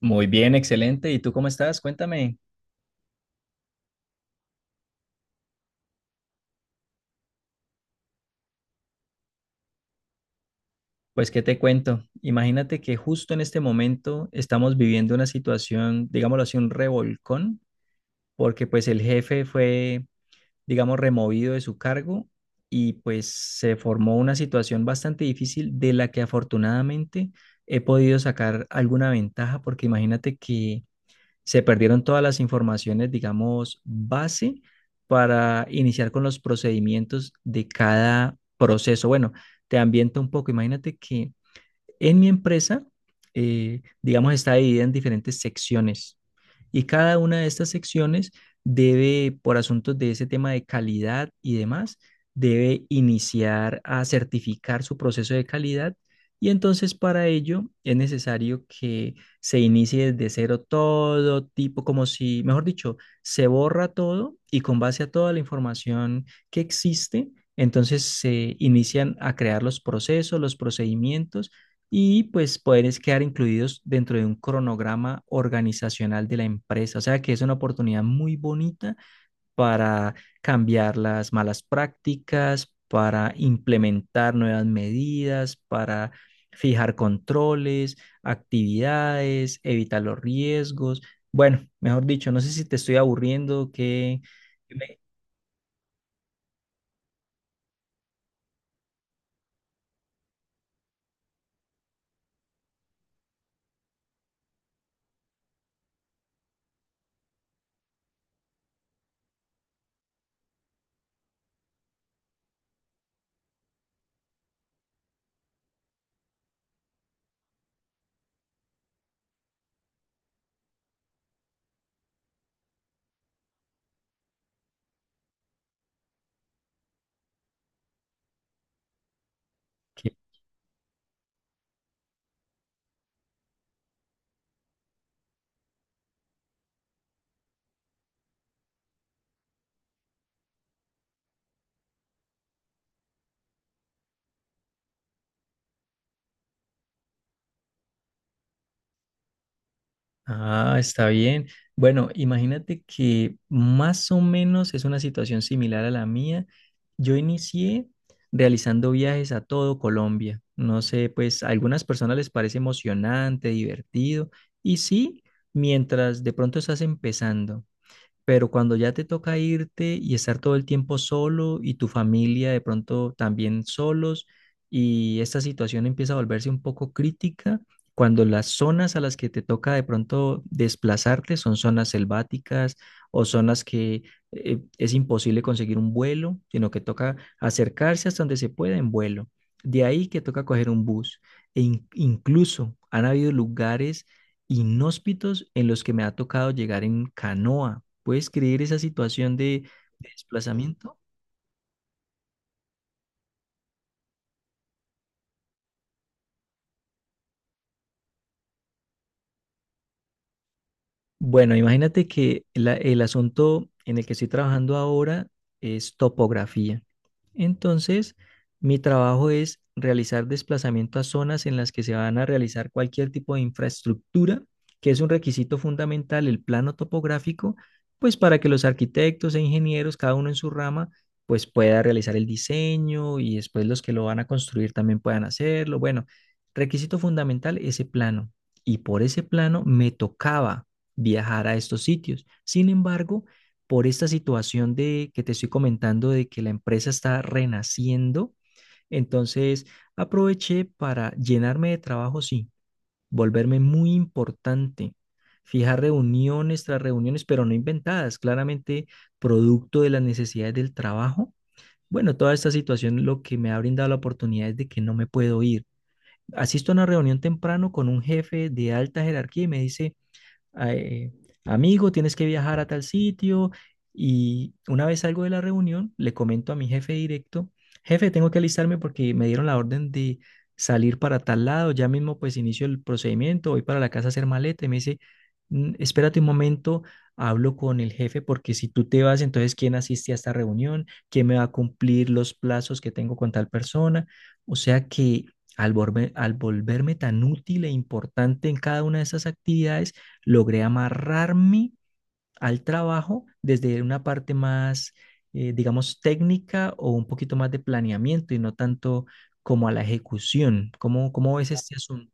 Muy bien, excelente. ¿Y tú cómo estás? Cuéntame. Pues, ¿qué te cuento? Imagínate que justo en este momento estamos viviendo una situación, digámoslo así, un revolcón, porque pues el jefe fue, digamos, removido de su cargo y pues se formó una situación bastante difícil de la que afortunadamente he podido sacar alguna ventaja, porque imagínate que se perdieron todas las informaciones, digamos, base para iniciar con los procedimientos de cada proceso. Bueno, te ambiento un poco. Imagínate que en mi empresa, digamos, está dividida en diferentes secciones. Y cada una de estas secciones debe, por asuntos de ese tema de calidad y demás, debe iniciar a certificar su proceso de calidad. Y entonces para ello es necesario que se inicie desde cero todo tipo, como si, mejor dicho, se borra todo y con base a toda la información que existe, entonces se inician a crear los procesos, los procedimientos y pues poderes quedar incluidos dentro de un cronograma organizacional de la empresa. O sea que es una oportunidad muy bonita para cambiar las malas prácticas, para implementar nuevas medidas, para fijar controles, actividades, evitar los riesgos. Bueno, mejor dicho, no sé si te estoy aburriendo, me- que... Ah, está bien. Bueno, imagínate que más o menos es una situación similar a la mía. Yo inicié realizando viajes a todo Colombia. No sé, pues a algunas personas les parece emocionante, divertido, y sí, mientras de pronto estás empezando. Pero cuando ya te toca irte y estar todo el tiempo solo y tu familia de pronto también solos y esta situación empieza a volverse un poco crítica, cuando las zonas a las que te toca de pronto desplazarte son zonas selváticas o zonas que es imposible conseguir un vuelo, sino que toca acercarse hasta donde se pueda en vuelo. De ahí que toca coger un bus. Incluso han habido lugares inhóspitos en los que me ha tocado llegar en canoa. ¿Puedes creer esa situación de desplazamiento? Bueno, imagínate que el asunto en el que estoy trabajando ahora es topografía. Entonces, mi trabajo es realizar desplazamiento a zonas en las que se van a realizar cualquier tipo de infraestructura, que es un requisito fundamental, el plano topográfico, pues para que los arquitectos e ingenieros, cada uno en su rama, pues pueda realizar el diseño y después los que lo van a construir también puedan hacerlo. Bueno, requisito fundamental, ese plano. Y por ese plano me tocaba viajar a estos sitios. Sin embargo, por esta situación de que te estoy comentando de que la empresa está renaciendo, entonces aproveché para llenarme de trabajo, sí, volverme muy importante, fijar reuniones tras reuniones, pero no inventadas, claramente producto de las necesidades del trabajo. Bueno, toda esta situación lo que me ha brindado la oportunidad es de que no me puedo ir. Asisto a una reunión temprano con un jefe de alta jerarquía y me dice, eh, amigo, tienes que viajar a tal sitio. Y una vez salgo de la reunión, le comento a mi jefe directo, jefe, tengo que alistarme porque me dieron la orden de salir para tal lado, ya mismo pues inicio el procedimiento, voy para la casa a hacer maleta y me dice, "Mm, espérate un momento, hablo con el jefe porque si tú te vas, entonces ¿quién asiste a esta reunión? ¿Quién me va a cumplir los plazos que tengo con tal persona? O sea que al volverme tan útil e importante en cada una de esas actividades, logré amarrarme al trabajo desde una parte más, digamos, técnica o un poquito más de planeamiento y no tanto como a la ejecución. ¿Cómo, cómo ves este asunto?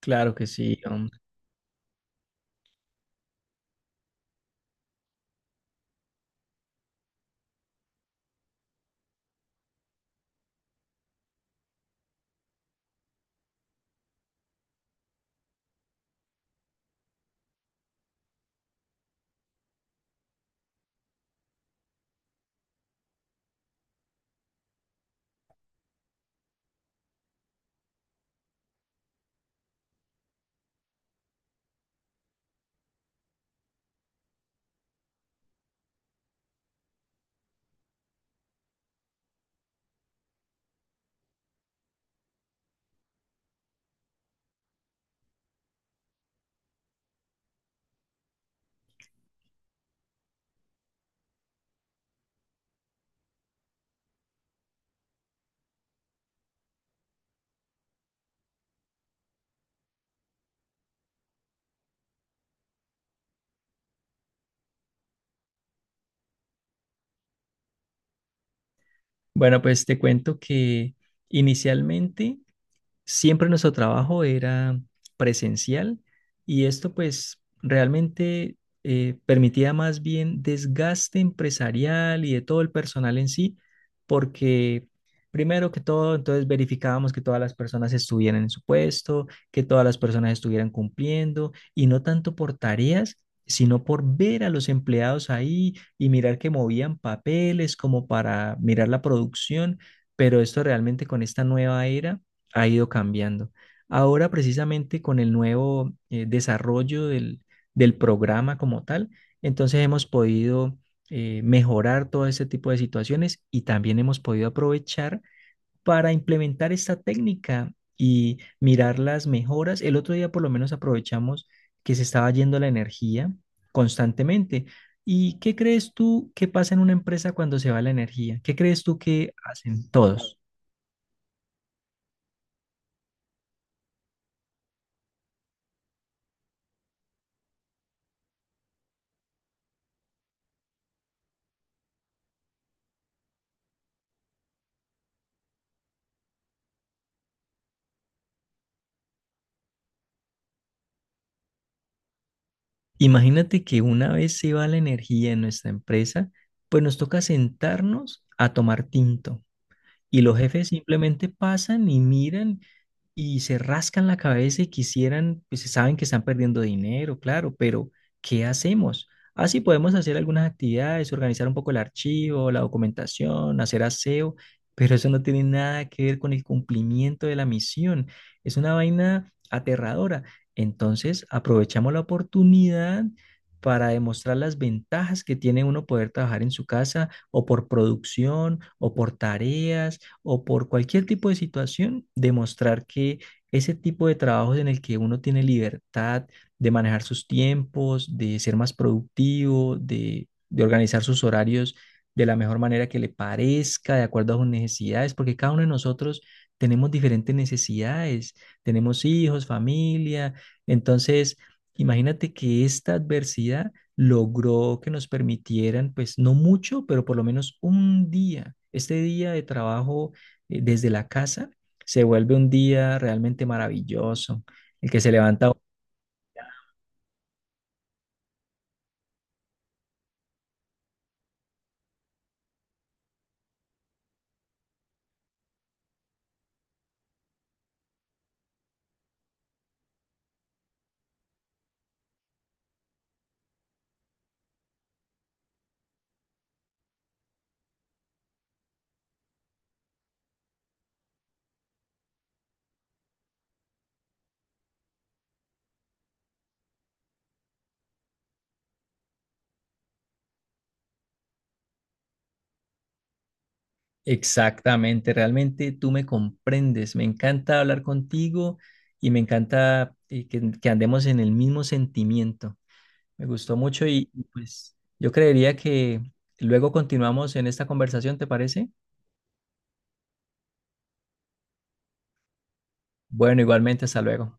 Claro que sí, hombre. Bueno, pues te cuento que inicialmente siempre nuestro trabajo era presencial y esto pues realmente permitía más bien desgaste empresarial y de todo el personal en sí, porque primero que todo, entonces verificábamos que todas las personas estuvieran en su puesto, que todas las personas estuvieran cumpliendo y no tanto por tareas, sino por ver a los empleados ahí y mirar que movían papeles como para mirar la producción, pero esto realmente con esta nueva era ha ido cambiando. Ahora, precisamente con el nuevo desarrollo del programa como tal, entonces hemos podido mejorar todo ese tipo de situaciones y también hemos podido aprovechar para implementar esta técnica y mirar las mejoras. El otro día por lo menos aprovechamos que se estaba yendo la energía constantemente. ¿Y qué crees tú que pasa en una empresa cuando se va la energía? ¿Qué crees tú que hacen todos? Imagínate que una vez se va la energía en nuestra empresa, pues nos toca sentarnos a tomar tinto y los jefes simplemente pasan y miran y se rascan la cabeza y quisieran, pues saben que están perdiendo dinero, claro, pero ¿qué hacemos? Así podemos hacer algunas actividades, organizar un poco el archivo, la documentación, hacer aseo, pero eso no tiene nada que ver con el cumplimiento de la misión. Es una vaina aterradora. Entonces, aprovechamos la oportunidad para demostrar las ventajas que tiene uno poder trabajar en su casa o por producción o por tareas o por cualquier tipo de situación, demostrar que ese tipo de trabajos en el que uno tiene libertad de manejar sus tiempos, de ser más productivo, de organizar sus horarios de la mejor manera que le parezca, de acuerdo a sus necesidades, porque cada uno de nosotros tenemos diferentes necesidades, tenemos hijos, familia, entonces imagínate que esta adversidad logró que nos permitieran, pues no mucho, pero por lo menos un día, este día de trabajo desde la casa, se vuelve un día realmente maravilloso. El que se levanta exactamente, realmente tú me comprendes. Me encanta hablar contigo y me encanta que andemos en el mismo sentimiento. Me gustó mucho y pues yo creería que luego continuamos en esta conversación, ¿te parece? Bueno, igualmente, hasta luego.